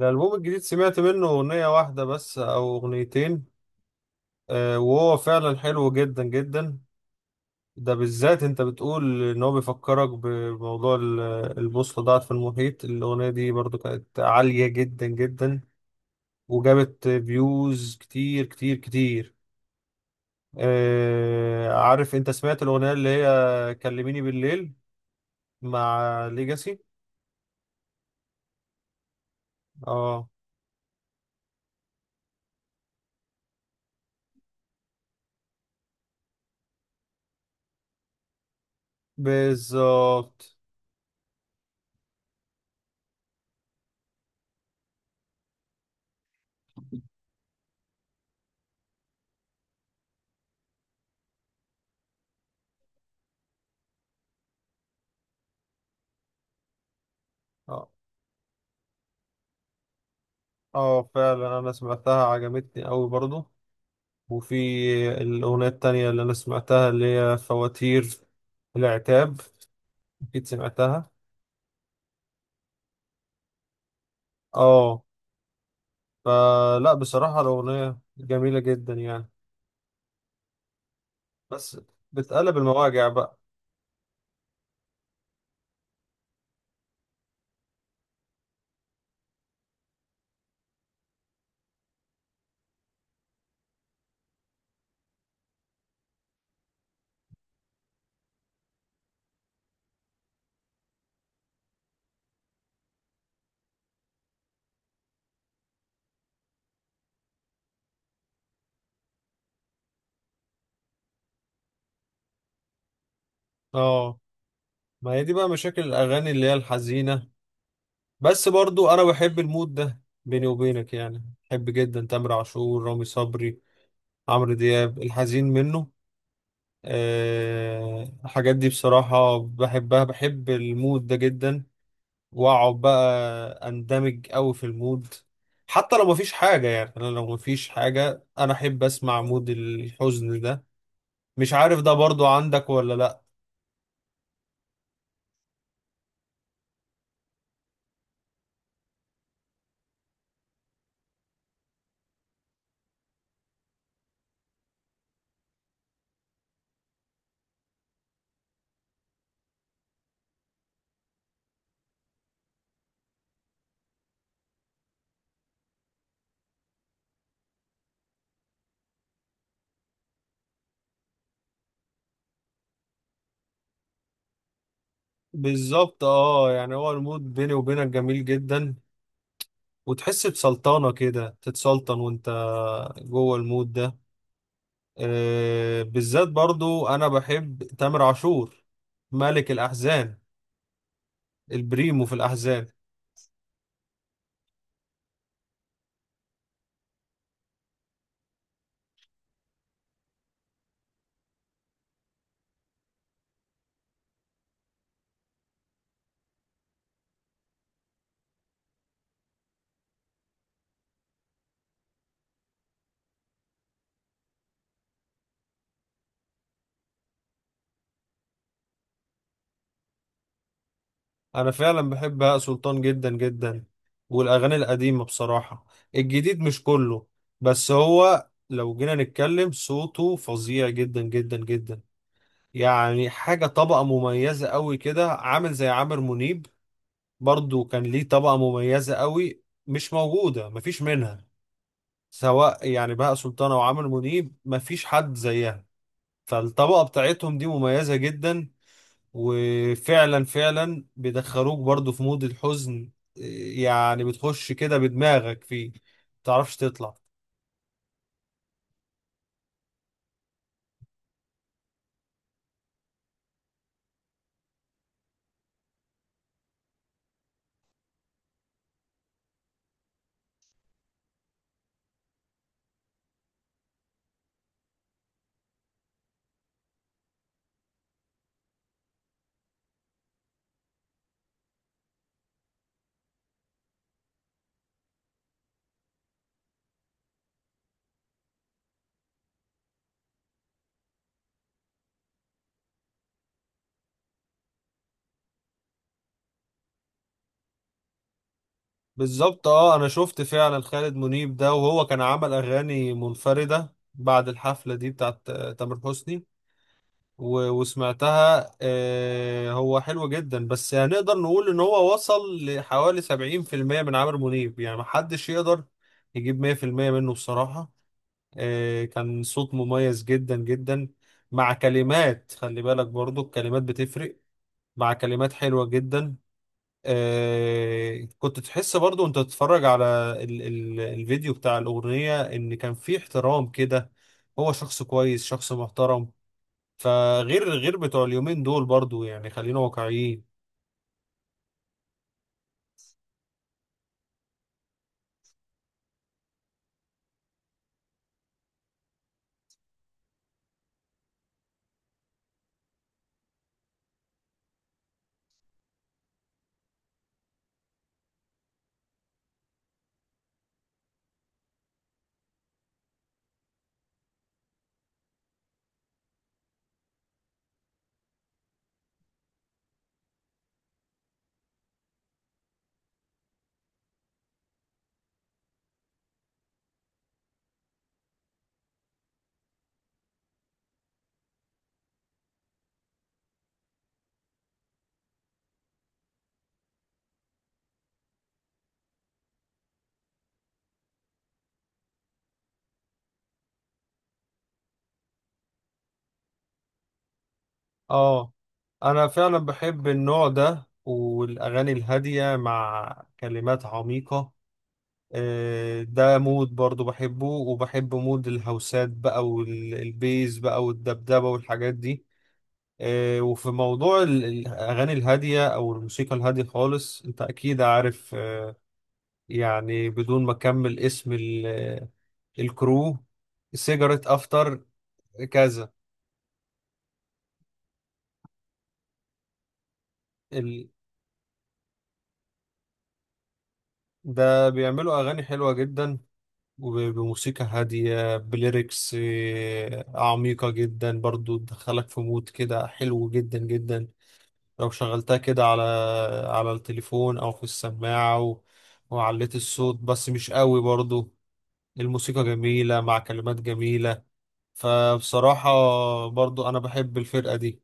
الألبوم الجديد سمعت منه أغنية واحدة بس أو أغنيتين. وهو فعلا حلو جدا جدا. ده بالذات أنت بتقول إن هو بيفكرك بموضوع البوصلة ضاعت في المحيط. الأغنية دي برضو كانت عالية جدا جدا وجابت فيوز كتير كتير. عارف أنت سمعت الأغنية اللي هي كلميني بالليل مع ليجاسي. اه بالظبط. اه، فعلا أنا سمعتها عجبتني أوي برضو. وفي الأغنية التانية اللي أنا سمعتها اللي هي فواتير العتاب، أكيد سمعتها. اه، فلا بصراحة الأغنية جميلة جدا يعني، بس بتقلب المواجع بقى. اه، ما هي دي بقى مشاكل الأغاني اللي هي الحزينة، بس برضو أنا بحب المود ده بيني وبينك يعني. بحب جدا تامر عاشور، رامي صبري، عمرو دياب الحزين منه. الحاجات دي بصراحة بحبها، بحب المود ده جدا. واقعد بقى اندمج قوي في المود حتى لو مفيش حاجة. يعني انا لو مفيش حاجة انا احب اسمع مود الحزن ده. مش عارف ده برضو عندك ولا لا. بالظبط. اه، يعني هو المود بيني وبينك جميل جدا، وتحس بسلطنة كده، تتسلطن وانت جوه المود ده. آه، بالذات برضو انا بحب تامر عاشور، ملك الاحزان، البريمو في الاحزان. انا فعلا بحب بهاء سلطان جدا جدا، والاغاني القديمه بصراحه. الجديد مش كله، بس هو لو جينا نتكلم صوته فظيع جدا جدا جدا. يعني حاجه طبقه مميزه قوي كده، عامل زي عامر منيب. برضو كان ليه طبقه مميزه قوي مش موجوده، مفيش منها. سواء يعني بهاء سلطان او عامر منيب، مفيش حد زيها. فالطبقه بتاعتهم دي مميزه جدا، وفعلا فعلا بيدخلوك برضو في مود الحزن. يعني بتخش كده بدماغك فيه متعرفش تطلع. بالظبط. اه، انا شفت فعلا خالد منيب ده، وهو كان عمل اغاني منفردة بعد الحفلة دي بتاعت تامر حسني. وسمعتها. هو حلو جدا، بس هنقدر نقول ان هو وصل لحوالي 70% من عمرو منيب. يعني محدش يقدر يجيب 100% منه بصراحة. كان صوت مميز جدا جدا، مع كلمات، خلي بالك برضو الكلمات بتفرق، مع كلمات حلوة جدا. كنت تحس برضو وانت تتفرج على ال الفيديو بتاع الأغنية ان كان في احترام كده. هو شخص كويس، شخص محترم. فغير غير بتوع اليومين دول برضو، يعني خلينا واقعيين. اه، انا فعلا بحب النوع ده، والاغاني الهادية مع كلمات عميقة. ده مود برضو بحبه، وبحب مود الهوسات بقى والبيز بقى والدبدبة والحاجات دي. وفي موضوع الأغاني الهادية أو الموسيقى الهادية خالص، أنت أكيد عارف. يعني بدون ما أكمل اسم الكرو سيجرت أفتر كذا. ال- ده بيعملوا أغاني حلوة جدا، وبموسيقى هادية، بليركس عميقة جدا، برضو تدخلك في مود كده حلو جدا جدا. لو شغلتها كده على على التليفون او في السماعة و... وعليت الصوت، بس مش قوي برضو. الموسيقى جميلة مع كلمات جميلة. فبصراحة برضو انا بحب الفرقة دي.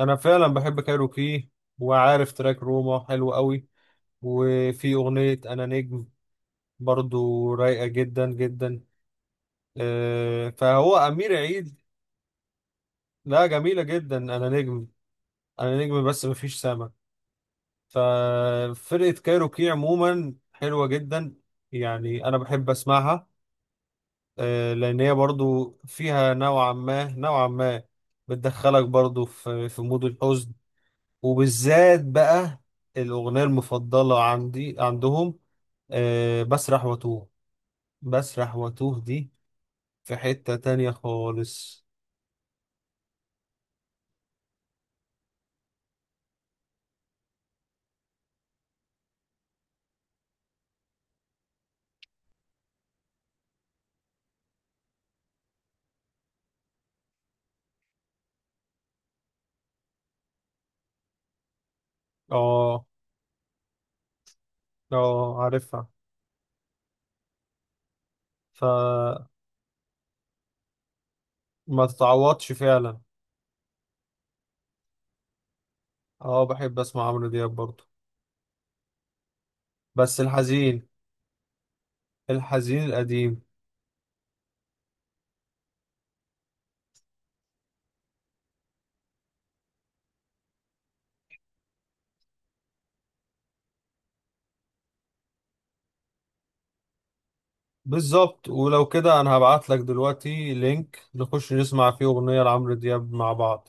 انا فعلا بحب كايروكي، وعارف تراك روما حلو قوي. وفي اغنية انا نجم برضو رايقة جدا جدا. فهو امير عيد. لا جميلة جدا، انا نجم. انا نجم بس مفيش سما. ففرقة كايروكي عموما حلوة جدا، يعني أنا بحب أسمعها. لأن هي برضو فيها نوعا ما بتدخلك برضو في في مود الحزن. وبالذات بقى الأغنية المفضلة عندي عندهم بسرح واتوه. بسرح واتوه دي في حتة تانية خالص. اه. اه، عارفها. فما تتعوضش فعلا. اه، بحب اسمع عمرو دياب برضو. بس الحزين، الحزين القديم. بالظبط. ولو كده انا هبعت لك دلوقتي لينك نخش نسمع فيه اغنية لعمرو دياب مع بعض.